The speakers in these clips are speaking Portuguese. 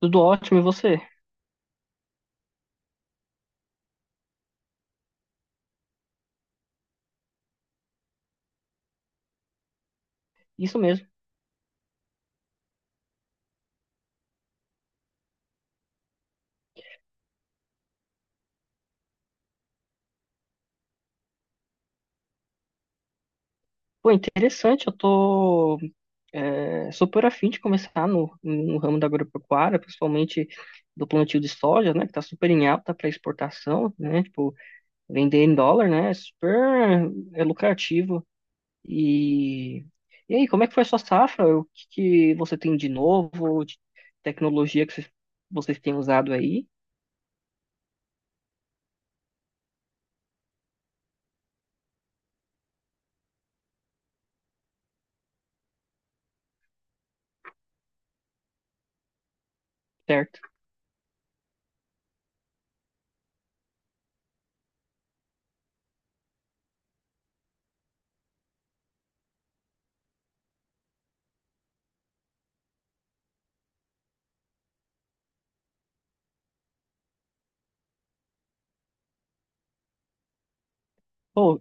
Tudo ótimo, e você? Isso mesmo. Pô, interessante, eu tô super afim de começar no ramo da agropecuária, principalmente do plantio de soja, né, que tá super em alta para exportação, né, tipo, vender em dólar, né, é super lucrativo. E, e aí, como é que foi a sua safra? O que você tem de novo, de tecnologia que vocês têm usado aí? Certo. Pô,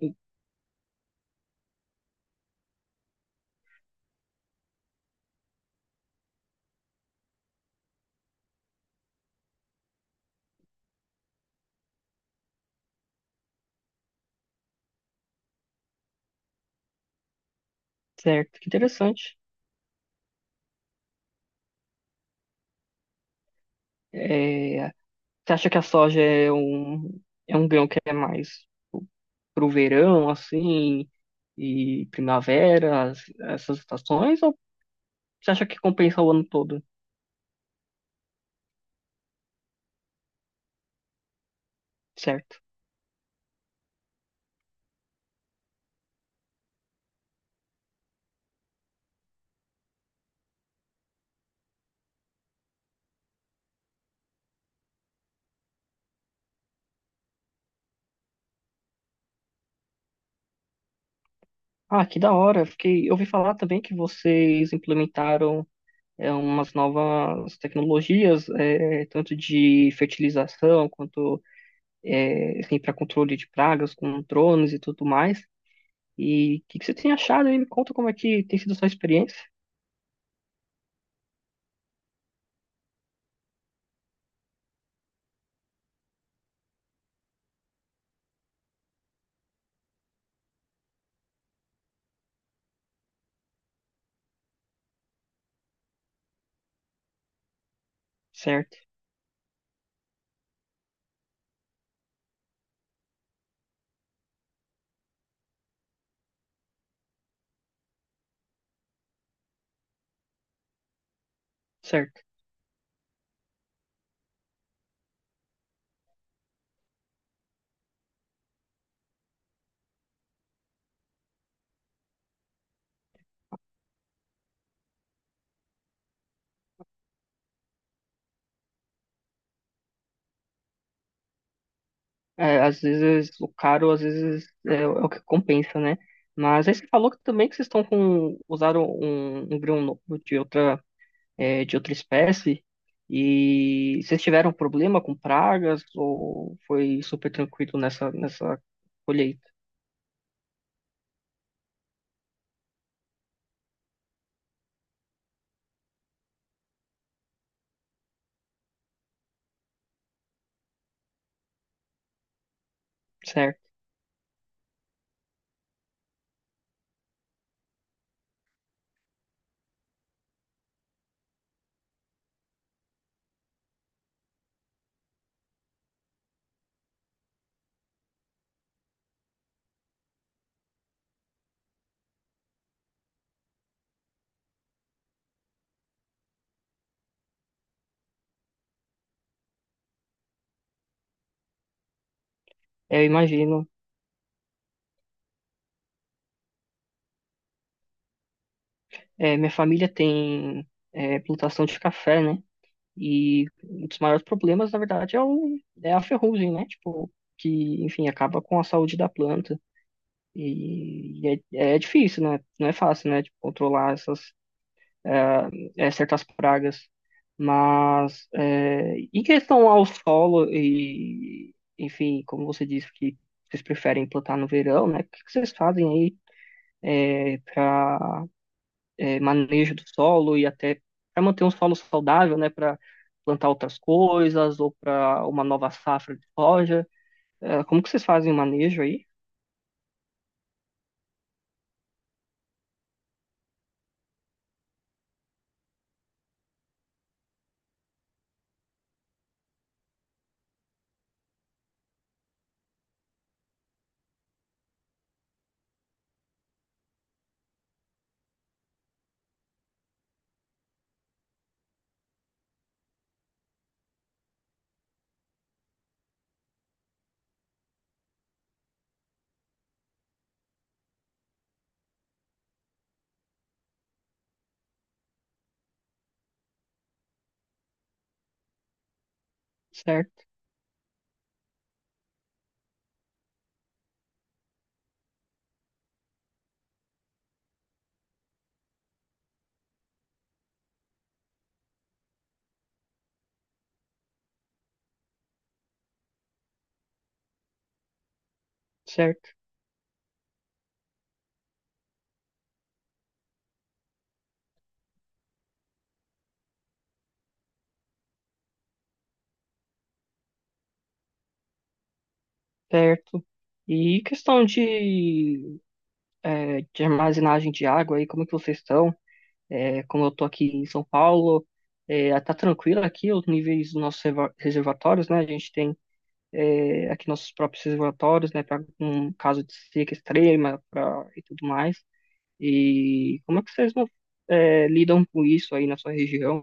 certo, que interessante. É, Você acha que a soja é é um grão que é mais pro verão, assim, e primavera, essas estações, ou você acha que compensa o ano todo? Certo? Ah, que da hora. Fiquei, eu ouvi falar também que vocês implementaram umas novas tecnologias, tanto de fertilização quanto assim, para controle de pragas com drones e tudo mais. E o que você tem achado aí? Me conta como é que tem sido a sua experiência. Certo, certo. É, às vezes o caro, o é o que compensa, né? Mas aí você falou que também que vocês estão com usaram um grão novo de outra de outra espécie e vocês tiveram problema com pragas ou foi super tranquilo nessa colheita? Certo? É, eu imagino. É, minha família tem plantação de café, né? E um dos maiores problemas, na verdade, é a ferrugem, né? Tipo, que, enfim, acaba com a saúde da planta. E é, é difícil, né? Não é fácil, né? Tipo, controlar essas certas pragas. Mas é, em questão ao solo e, enfim, como você disse que vocês preferem plantar no verão, né? O que que vocês fazem aí para manejo do solo e até para manter um solo saudável, né? Para plantar outras coisas ou para uma nova safra de soja? É, como que vocês fazem o manejo aí? Certo, certo. Certo. E questão é, de armazenagem de água aí, como que vocês estão? É, como eu tô aqui em São Paulo, é, tá tranquilo aqui os níveis dos nossos reservatórios, né? A gente tem aqui nossos próprios reservatórios, né? Para um caso de seca extrema pra, e tudo mais. E como é que vocês lidam com isso aí na sua região?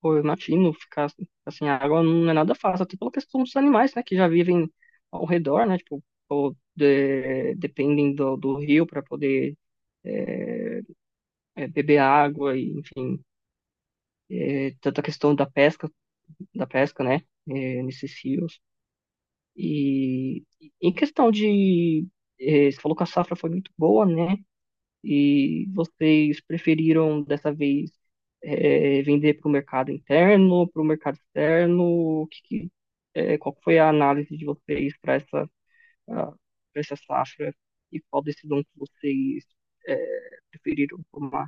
Pô, eu imagino ficar assim, a água não é nada fácil, até pela questão dos animais, né, que já vivem ao redor, né, tipo, ou dependem do rio para poder é, beber água e, enfim, é, tanta questão da pesca, né, é, nesses rios. E em questão você falou que a safra foi muito boa, né, e vocês preferiram dessa vez vender para o mercado interno, para o mercado externo? O qual que foi a análise de vocês para ah, pra essa safra e qual decisão que vocês preferiram tomar?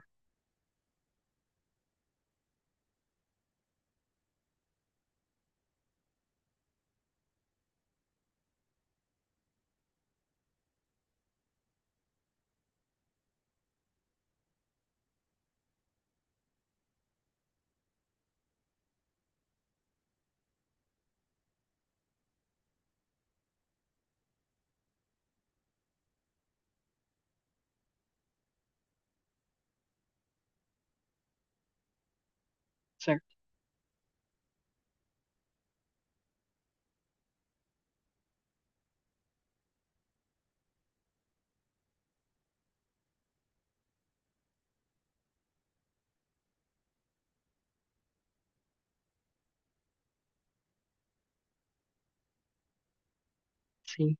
Certo? Sim.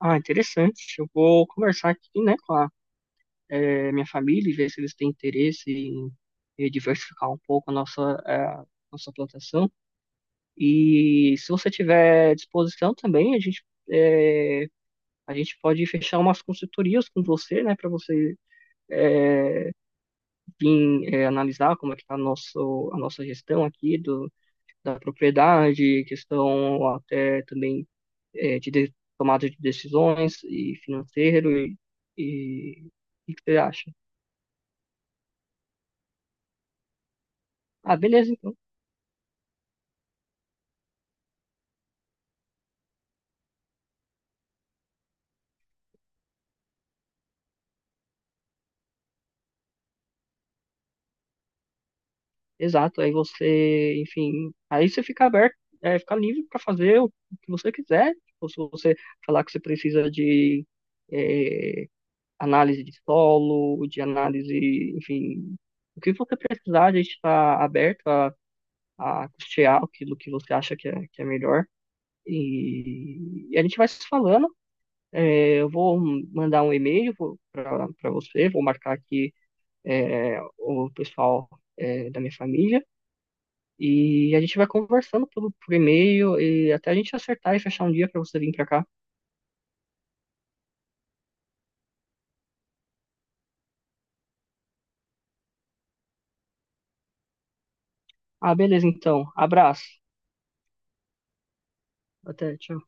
Ah, interessante. Eu vou conversar aqui, né, com a minha família e ver se eles têm interesse em diversificar um pouco a nossa plantação. E se você tiver disposição também, é, a gente pode fechar umas consultorias com você, né, para você vir analisar como é que está a nossa gestão aqui do, da propriedade, questão até também de tomada de decisões e financeiro e o que que você acha? Ah, beleza, então. Exato, aí você, enfim, aí você fica aberto, fica livre para fazer o que você quiser. Tipo, se você falar que você precisa de é, análise de solo, de análise, enfim, o que você precisar, a gente está aberto a custear aquilo que você acha que é melhor. E a gente vai se falando. É, eu vou mandar um e-mail para você, vou marcar aqui o pessoal da minha família. E a gente vai conversando por e-mail e até a gente acertar e fechar um dia para você vir para cá. Ah, beleza, então. Abraço. Até, tchau.